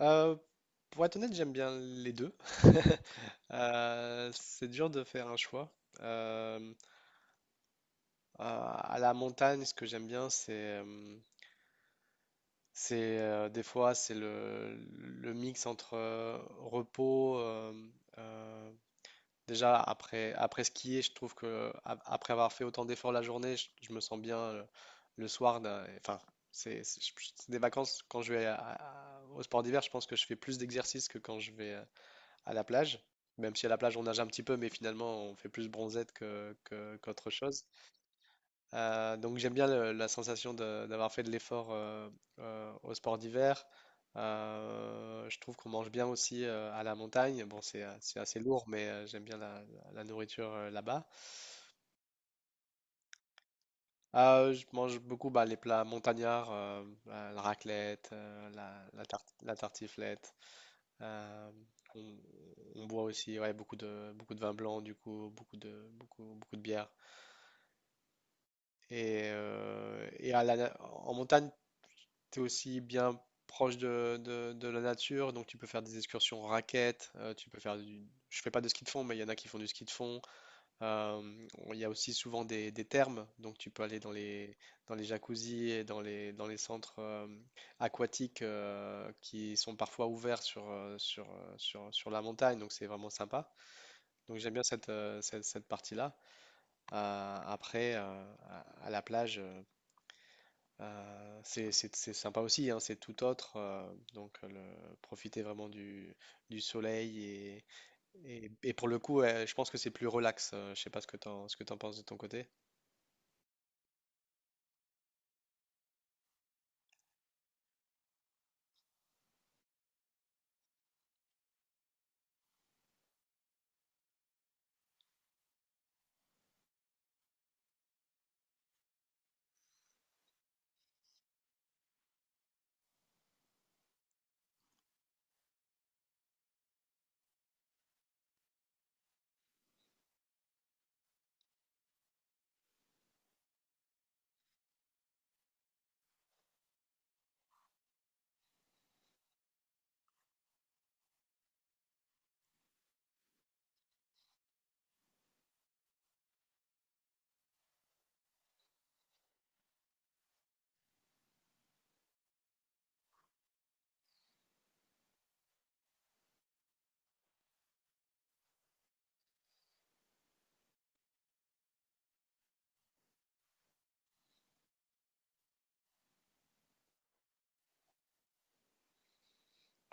Euh, pour être honnête, j'aime bien les deux. C'est dur de faire un choix. Euh, à la montagne, ce que j'aime bien, euh, c'est des fois c'est le mix entre repos. Euh, Déjà après skier, je trouve que après avoir fait autant d'efforts la journée, je me sens bien le soir. Enfin, c'est c'est- c'est des vacances. Quand je vais au sport d'hiver, je pense que je fais plus d'exercices que quand je vais à la plage. Même si à la plage on nage un petit peu, mais finalement on fait plus bronzette qu'autre chose. Donc j'aime bien la sensation d'avoir fait de l'effort au sport d'hiver. Je trouve qu'on mange bien aussi à la montagne. Bon, c'est assez lourd, mais j'aime bien la nourriture là-bas. Je mange beaucoup, bah, les plats montagnards, la raclette, la tartiflette. Euh, on, on boit aussi, ouais, beaucoup de vin blanc, du coup, beaucoup de bière. Et à la en montagne, tu es aussi bien proche de la nature, donc tu peux faire des excursions en raquettes. Tu peux faire du... Je fais pas de ski de fond, mais il y en a qui font du ski de fond. Euh, il y a aussi souvent des thermes, donc tu peux aller dans les jacuzzis et dans les centres aquatiques qui sont parfois ouverts sur la montagne, donc c'est vraiment sympa. Donc j'aime bien cette partie-là. Après, à la plage, c'est sympa aussi, hein, c'est tout autre. Donc, profiter vraiment du soleil, et pour le coup, je pense que c'est plus relax. Je sais pas ce que t'en penses de ton côté.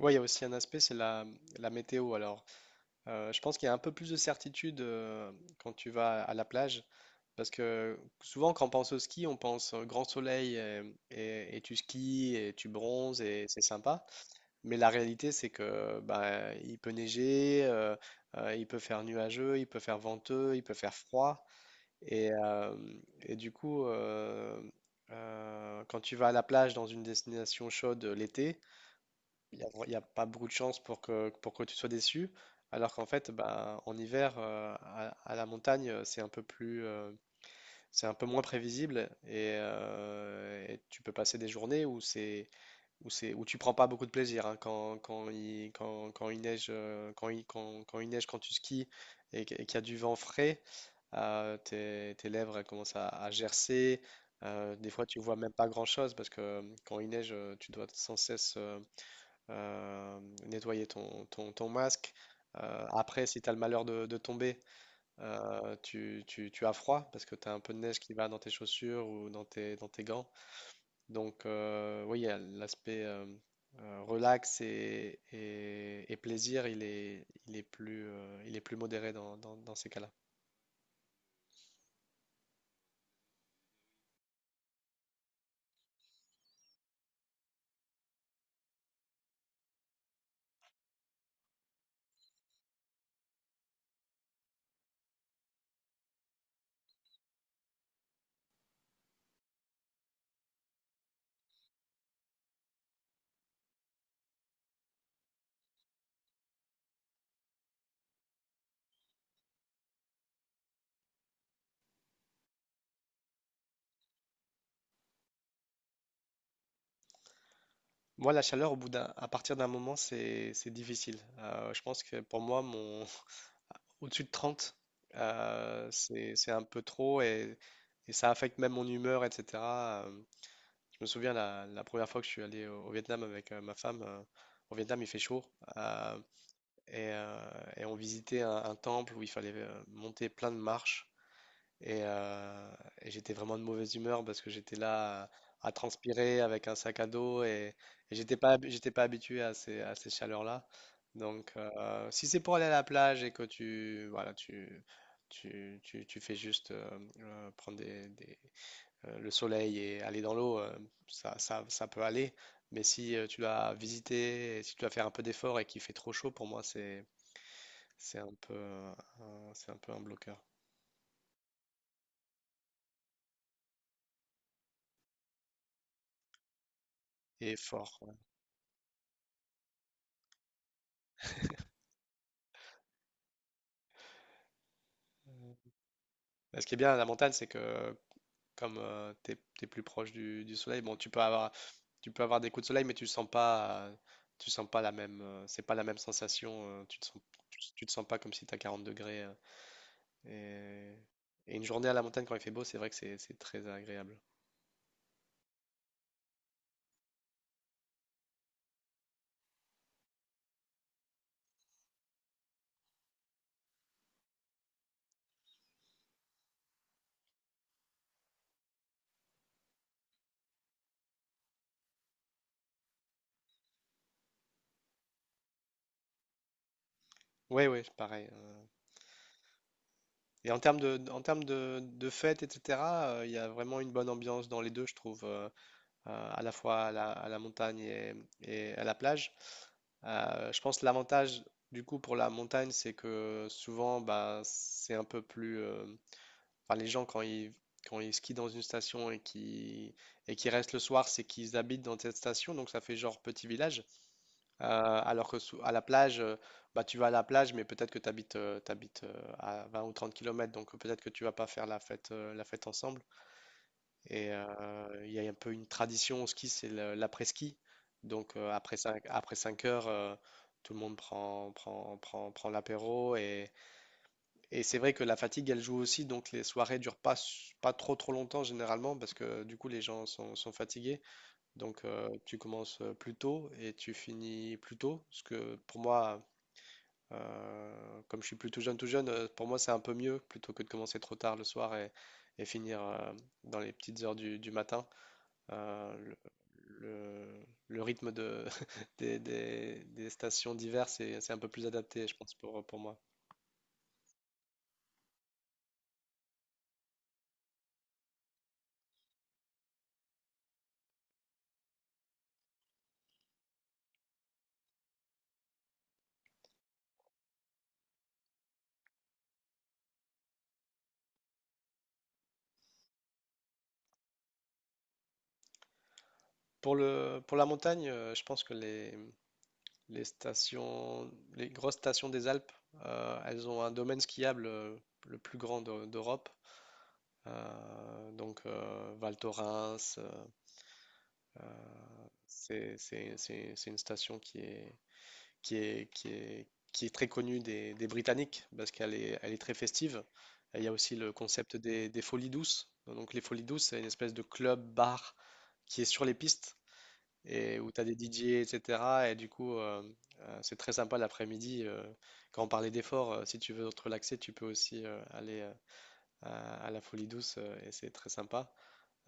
Oui, il y a aussi un aspect, c'est la météo. Alors, je pense qu'il y a un peu plus de certitude quand tu vas à la plage, parce que souvent, quand on pense au ski, on pense grand soleil, et tu skis et tu bronzes et c'est sympa. Mais la réalité, c'est que, bah, il peut neiger, il peut faire nuageux, il peut faire venteux, il peut faire froid. Et, euh, et du coup, quand tu vas à la plage dans une destination chaude, l'été, il n'y a pas beaucoup de chances pour que tu sois déçu. Alors qu'en fait, bah, en hiver, à la montagne, c'est un peu moins prévisible, et tu peux passer des journées où tu prends pas beaucoup de plaisir, hein. Quand il neige, quand il neige, quand tu skis et qu'il y a du vent frais, tes lèvres elles commencent à gercer. Des fois, tu vois même pas grand-chose parce que, quand il neige, tu dois sans cesse euh, nettoyer ton masque. Après, si tu as le malheur de tomber, tu as froid parce que tu as un peu de neige qui va dans tes chaussures ou dans tes gants. Donc, oui, il y a l'aspect relax et plaisir, il est plus modéré dans ces cas-là. Moi, la chaleur, à partir d'un moment, c'est difficile. Je pense que pour moi, mon, au-dessus de 30, c'est un peu trop, et ça affecte même mon humeur, etc. Je me souviens la première fois que je suis allé au Vietnam avec, ma femme. Au Vietnam, il fait chaud, euh, et, euh, et on visitait un temple où il fallait, monter plein de marches. Et, euh, et j'étais vraiment de mauvaise humeur parce que j'étais là à transpirer avec un sac à dos, et j'étais pas habitué à ces chaleurs-là. Donc, si c'est pour aller à la plage et que tu, voilà, tu fais juste, prendre le soleil et aller dans l'eau, ça peut aller. Mais si, tu dois visiter, et si tu dois faire un peu d'effort et qu'il fait trop chaud, pour moi, c'est un peu, c'est un peu un bloqueur. Et fort. Ouais. Mais ce qui est bien à la montagne, c'est que comme, t'es plus proche du soleil, bon, tu peux avoir des coups de soleil, mais tu sens pas, c'est pas la même sensation. Tu tu, te sens pas comme si t'as 40 degrés. Et, et une journée à la montagne quand il fait beau, c'est vrai que c'est très agréable. Oui, oui, pareil. Et en termes de, de fêtes, etc., il y a vraiment une bonne ambiance dans les deux, je trouve, à la fois à la montagne et à la plage. Je pense que l'avantage du coup pour la montagne, c'est que souvent, bah, c'est un peu plus. Enfin, les gens quand ils skient dans une station et qui restent le soir, c'est qu'ils habitent dans cette station, donc ça fait genre petit village. Alors que à la plage, bah, tu vas à la plage, mais peut-être que tu habites à 20 ou 30 km, donc peut-être que tu vas pas faire la fête ensemble. Et il y a un peu une tradition au ski, c'est l'après-ski. Donc, après 5 après 5 heures, tout le monde prend l'apéro. Et c'est vrai que la fatigue, elle joue aussi. Donc les soirées durent pas, pas trop trop longtemps généralement parce que du coup les gens sont fatigués. Donc, tu commences plus tôt et tu finis plus tôt. Parce que pour moi, comme je suis plutôt jeune, tout jeune, pour moi c'est un peu mieux plutôt que de commencer trop tard le soir et finir dans les petites heures du matin. Euh, le, le- le rythme des stations d'hiver, c'est un peu plus adapté, je pense, pour moi. Pour la montagne, je pense que les stations, les grosses stations des Alpes, elles ont un domaine skiable, le plus grand d'Europe. Donc, Val Thorens, c'est une station qui est, qui est, qui est très connue des Britanniques, parce qu'elle est, elle est très festive. Et il y a aussi le concept des folies douces. Donc les folies douces, c'est une espèce de club bar qui est sur les pistes et où tu as des DJ, etc. Et cetera. Et du coup, c'est très sympa l'après-midi. Quand on parlait d'effort, si tu veux te relaxer, tu peux aussi, aller, à la folie douce, et c'est très sympa,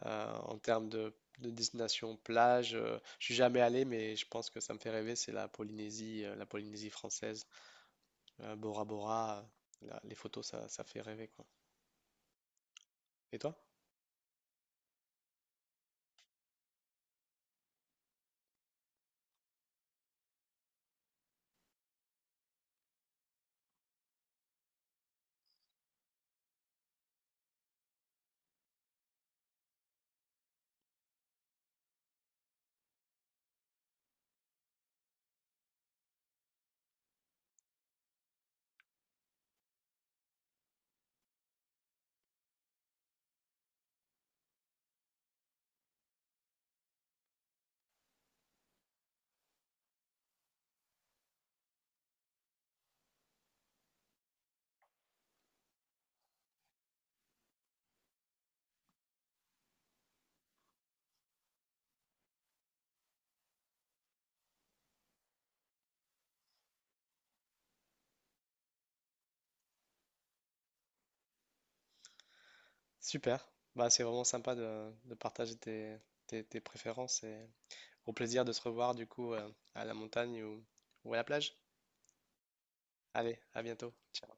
en termes de destination plage. Je suis jamais allé, mais je pense que ça me fait rêver. C'est la Polynésie, la Polynésie française, Bora Bora. La- les photos, ça fait rêver, quoi. Et toi? Super. Bah, c'est vraiment sympa de partager tes préférences et au plaisir de se revoir du coup, à la montagne ou à la plage. Allez, à bientôt. Ciao.